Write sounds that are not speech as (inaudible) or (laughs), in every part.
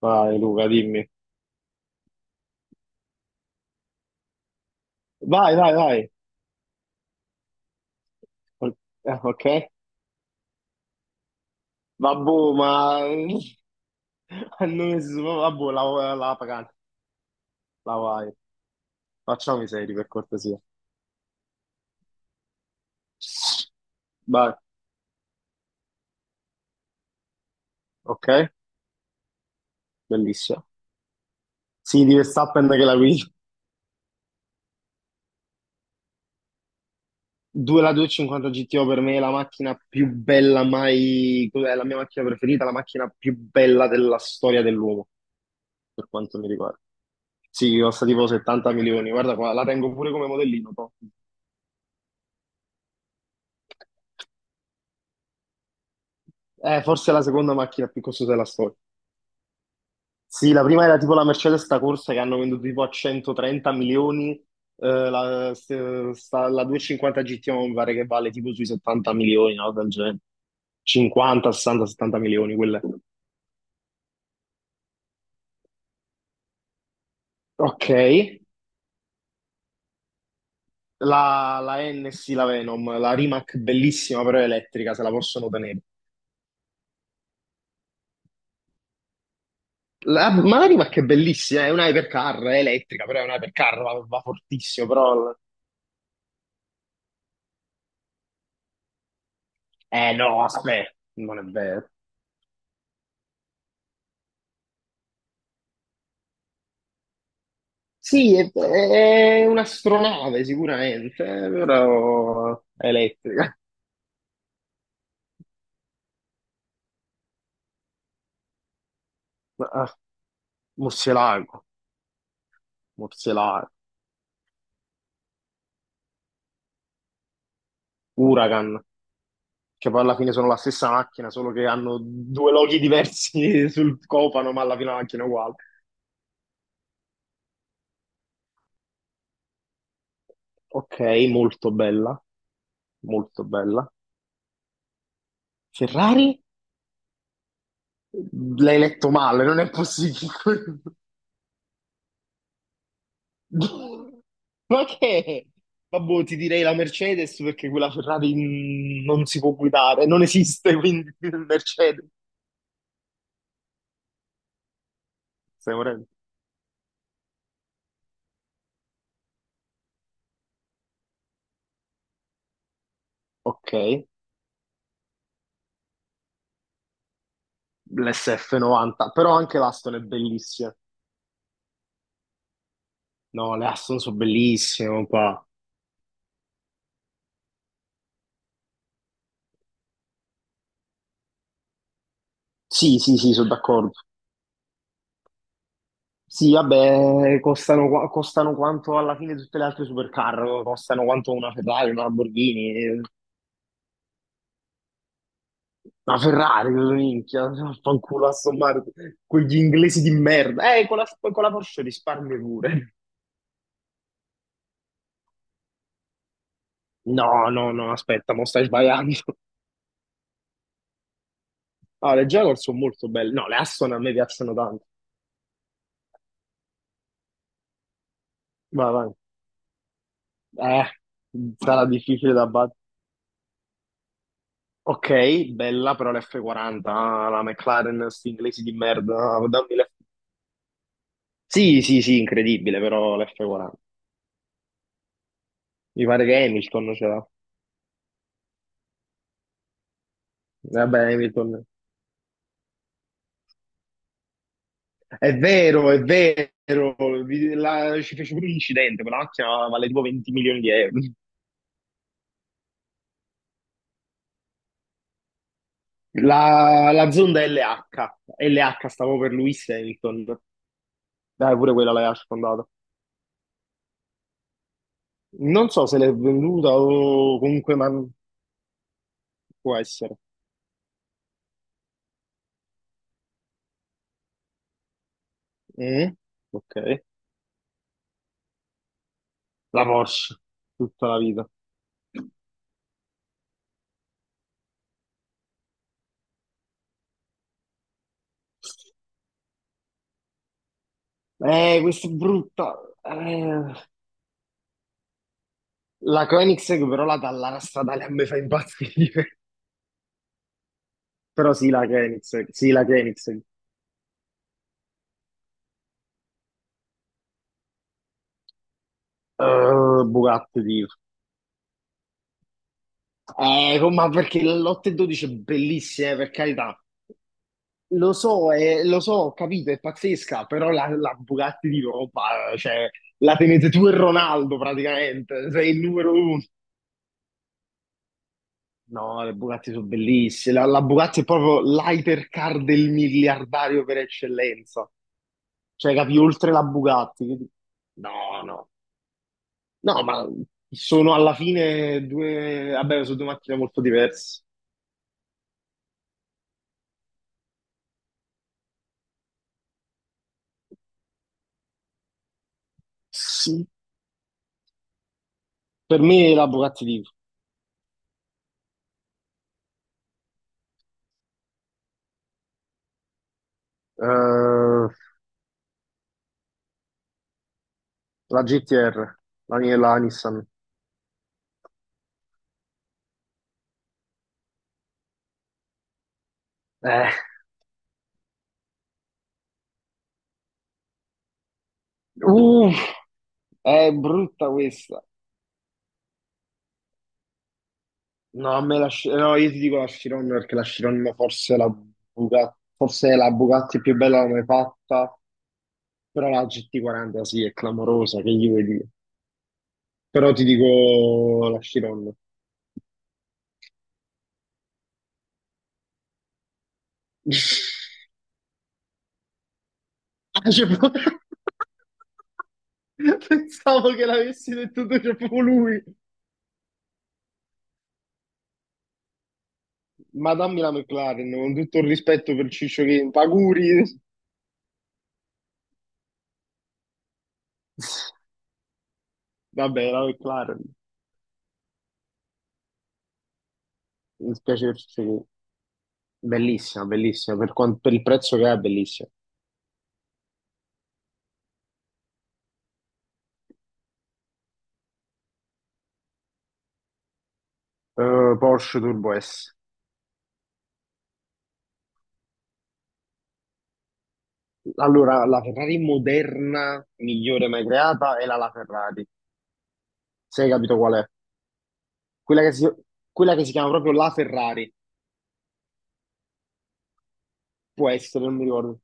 Vai Luca, dimmi. Vai, vai, vai. O- Ok. Vabbè, ma (laughs) non es- vabbè, la pagata, la vai. Facciamo i seri per cortesia. Vai, ok, bellissimo. Sì, di Verstappen che la guida. La 250 GTO per me è la macchina più bella mai, è la mia macchina preferita, la macchina più bella della storia dell'uomo, per quanto mi riguarda. Sì, costa tipo 70 milioni. Guarda qua, la tengo pure come modellino. Toh. Forse è la seconda macchina più costosa della storia. Sì, la prima era tipo la Mercedes sta corsa che hanno venduto tipo a 130 milioni, la, se- sta- la 250 GT mi pare che vale tipo sui 70 milioni, no? Del genere. 50, 60, 70 milioni quelle. Ok, la NSI, la Venom, la Rimac bellissima però è elettrica, se la possono tenere. Ma la Rimac è bellissima, è una hypercar, è elettrica, però è una hypercar, va fortissimo, però. Eh no, aspetta, non è vero. Sì, è un'astronave sicuramente, però è elettrica. Ah, Murcielago, Murcielago, Huracan, che poi alla fine sono la stessa macchina, solo che hanno due loghi diversi (laughs) sul copano, ma alla fine la macchina è uguale. Ok, molto bella, molto bella. Ferrari? L'hai letto male, non è possibile. (laughs) (laughs) Ma che? Vabbè, ti direi la Mercedes perché quella Ferrari non si può guidare, non esiste, quindi (laughs) Mercedes. Stai morendo. Ok, l'SF90, però anche l'Aston è bellissima. No, le Aston sono bellissime, qua. Sì, sì, sì, sono d'accordo. Sì, vabbè, costano, costano quanto alla fine tutte le altre supercar, costano quanto una Ferrari, una Lamborghini. La Ferrari, minchia, fanculo Aston Martin, quegli inglesi di merda. Con la Porsche risparmi pure. No, no, no, aspetta, mo stai sbagliando. No, le Jaguar sono molto belle. No, le Aston a me piacciono tanto. Vai, vai. Sarà difficile da battere. Ok, bella, però l'F40, ah, la McLaren, sti inglesi di merda. Ah, dammi l'F. Sì, sì, sì, incredibile, però l'F40. Mi pare che Hamilton ce l'ha. Vabbè, Hamilton. È vero, ci fece pure un incidente, quella macchina vale tipo 20 milioni di euro. La Zonda LH, LH stavo per Lewis Hamilton, dai pure quella l'aveva sfondata. Non so se l'è venduta o comunque, ma può essere. Mm? Ok, la Porsche, tutta la vita. Questa è brutta. Eh, la Koenigsegg però la Dallara stradale a me fa impazzire. (laughs) Però sì, la Koenigsegg, sì, la Koenigsegg. Bugatti. Ma perché l'8 e 12 è bellissima, per carità. Lo so, lo so, ho capito, è pazzesca, però la Bugatti di Roma, cioè, la tenete tu e Ronaldo praticamente, sei il numero uno. No, le Bugatti sono bellissime. La Bugatti è proprio l'hypercar del miliardario per eccellenza. Cioè, capi, oltre la Bugatti. No, no. No, ma sono alla fine due. Vabbè, sono due macchine molto diverse. Sì, per me la Bugatti di. Eh, la GTR, la Nissan. Eh, uff, è brutta questa. No, a me la, Sci- no, io ti dico la Chiron perché la Chiron forse è la Bugatti, forse è la Bugatti più bella mai fatta, però la GT40 sì, è clamorosa, che gli vuoi dire? Però ti dico la Chiron. (laughs) Ah, (laughs) pensavo che l'avessi detto tu, c'è proprio lui. Ma dammi la McLaren, con tutto il rispetto per Ciccio Che, Paguri. (laughs) Vabbè, la McLaren, mi dispiace per Ciccio Che. Bellissima, bellissima, per il prezzo che è, bellissima. Porsche Turbo S. Allora, la Ferrari moderna migliore mai creata è la La Ferrari. Se hai capito qual è? Quella che si, quella che si chiama proprio La Ferrari. Può essere, non mi ricordo.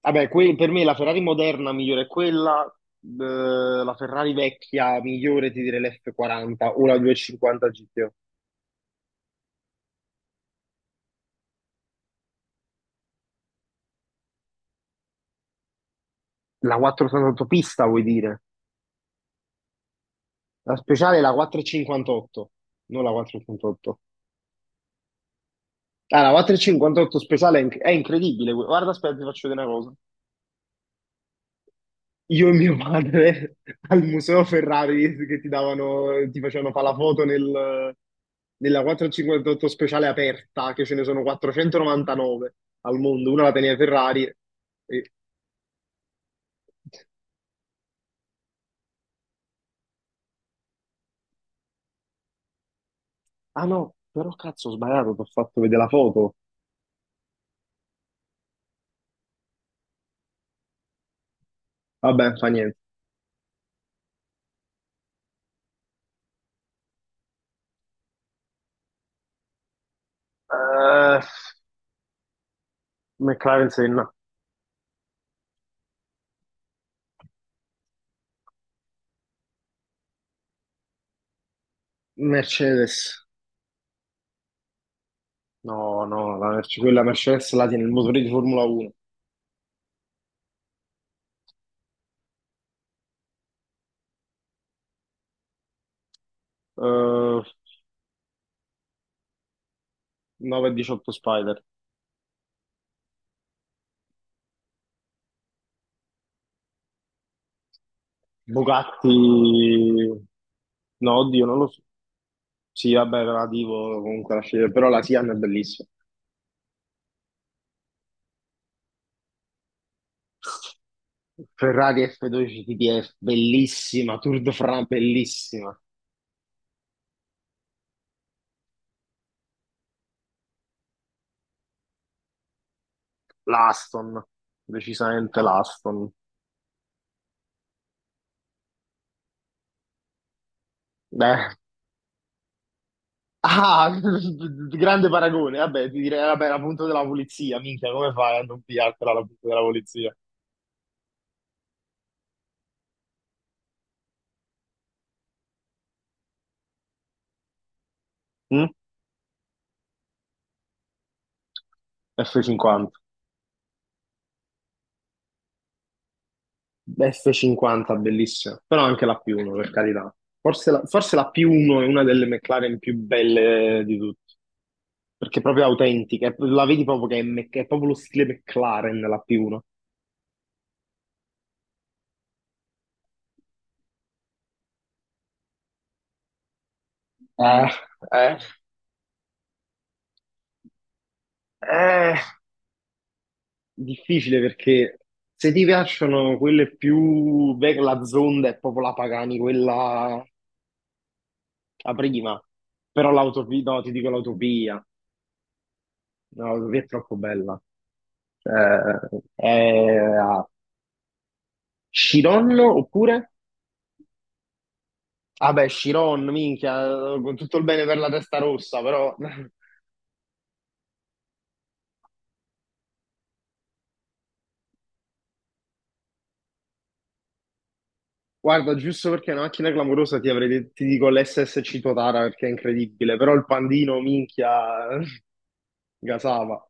Vabbè, per me la Ferrari moderna migliore è quella, la Ferrari vecchia migliore ti direi l'F40 o la 250 GTO. La 488 pista vuoi dire? La speciale è la 458, non la 488. Ah, la 458 speciale è incredibile. Guarda, aspetta, ti faccio vedere una cosa. Io e mio padre (laughs) al Museo Ferrari che ti davano, ti facevano fare la foto nella 458 speciale aperta, che ce ne sono 499 al mondo, una la teneva Ferrari. e- Ah no, però cazzo, ho sbagliato, ti ho fatto vedere la foto. Vabbè, fa niente. Eh, McLaren Senna. Mercedes. No, no, quella Mercedes la tiene il motore di Formula 1. Eh, 918 Spider. Bugatti, no, oddio, non lo so. Sì, vabbè, relativo comunque alla scelta, però la Sian è bellissima. Ferrari F12 TTF, bellissima, Tour de France, bellissima. L'Aston, decisamente l'Aston. Beh. Ah, (laughs) grande paragone, vabbè, ti direi, vabbè, la punta della polizia, minchia, come fai a non pigliartela la punta della polizia? Mm? F50. F50 bellissima, però anche la P1 per carità. Forse la P1 è una delle McLaren più belle di tutte, perché è proprio autentica, la vedi proprio che è proprio lo stile McLaren la P1. Eh, eh, eh, Difficile perché se ti piacciono quelle più, beh, la Zonda è proprio la Pagani, quella la prima, però l'autopia, no, ti dico l'autopia, no, l'autopia è troppo bella. Eh, eh, Chiron oppure? Ah beh, Chiron, minchia, con tutto il bene per la testa rossa, però (laughs) guarda, giusto perché è una macchina clamorosa ti dico l'SSC Totara perché è incredibile, però il pandino, minchia, (laughs) gasava.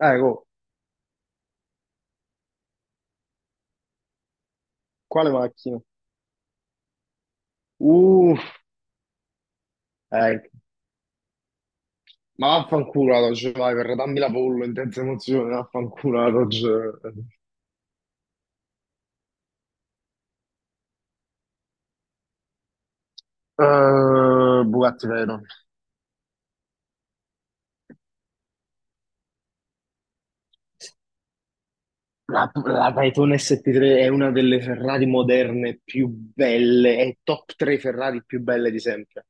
Ecco, quale macchina? Uh, eh, ma vaffanculo la Dodge, vai, per dammi la pollo, intensa emozione, vaffanculo la Dodge. Bugatti Veyron. La Daytona ST3 è una delle Ferrari moderne più belle, è top 3 Ferrari più belle di sempre.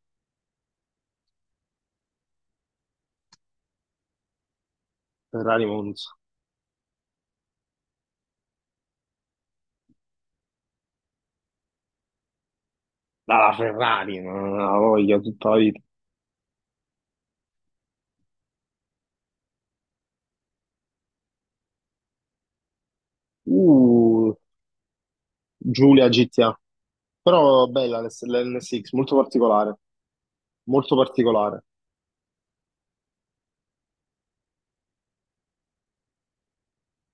Ferrari Monza. La Ferrari, non la voglio tutta la vita. Uh, Giulia GTA. Però bella l'NSX, molto particolare, molto particolare.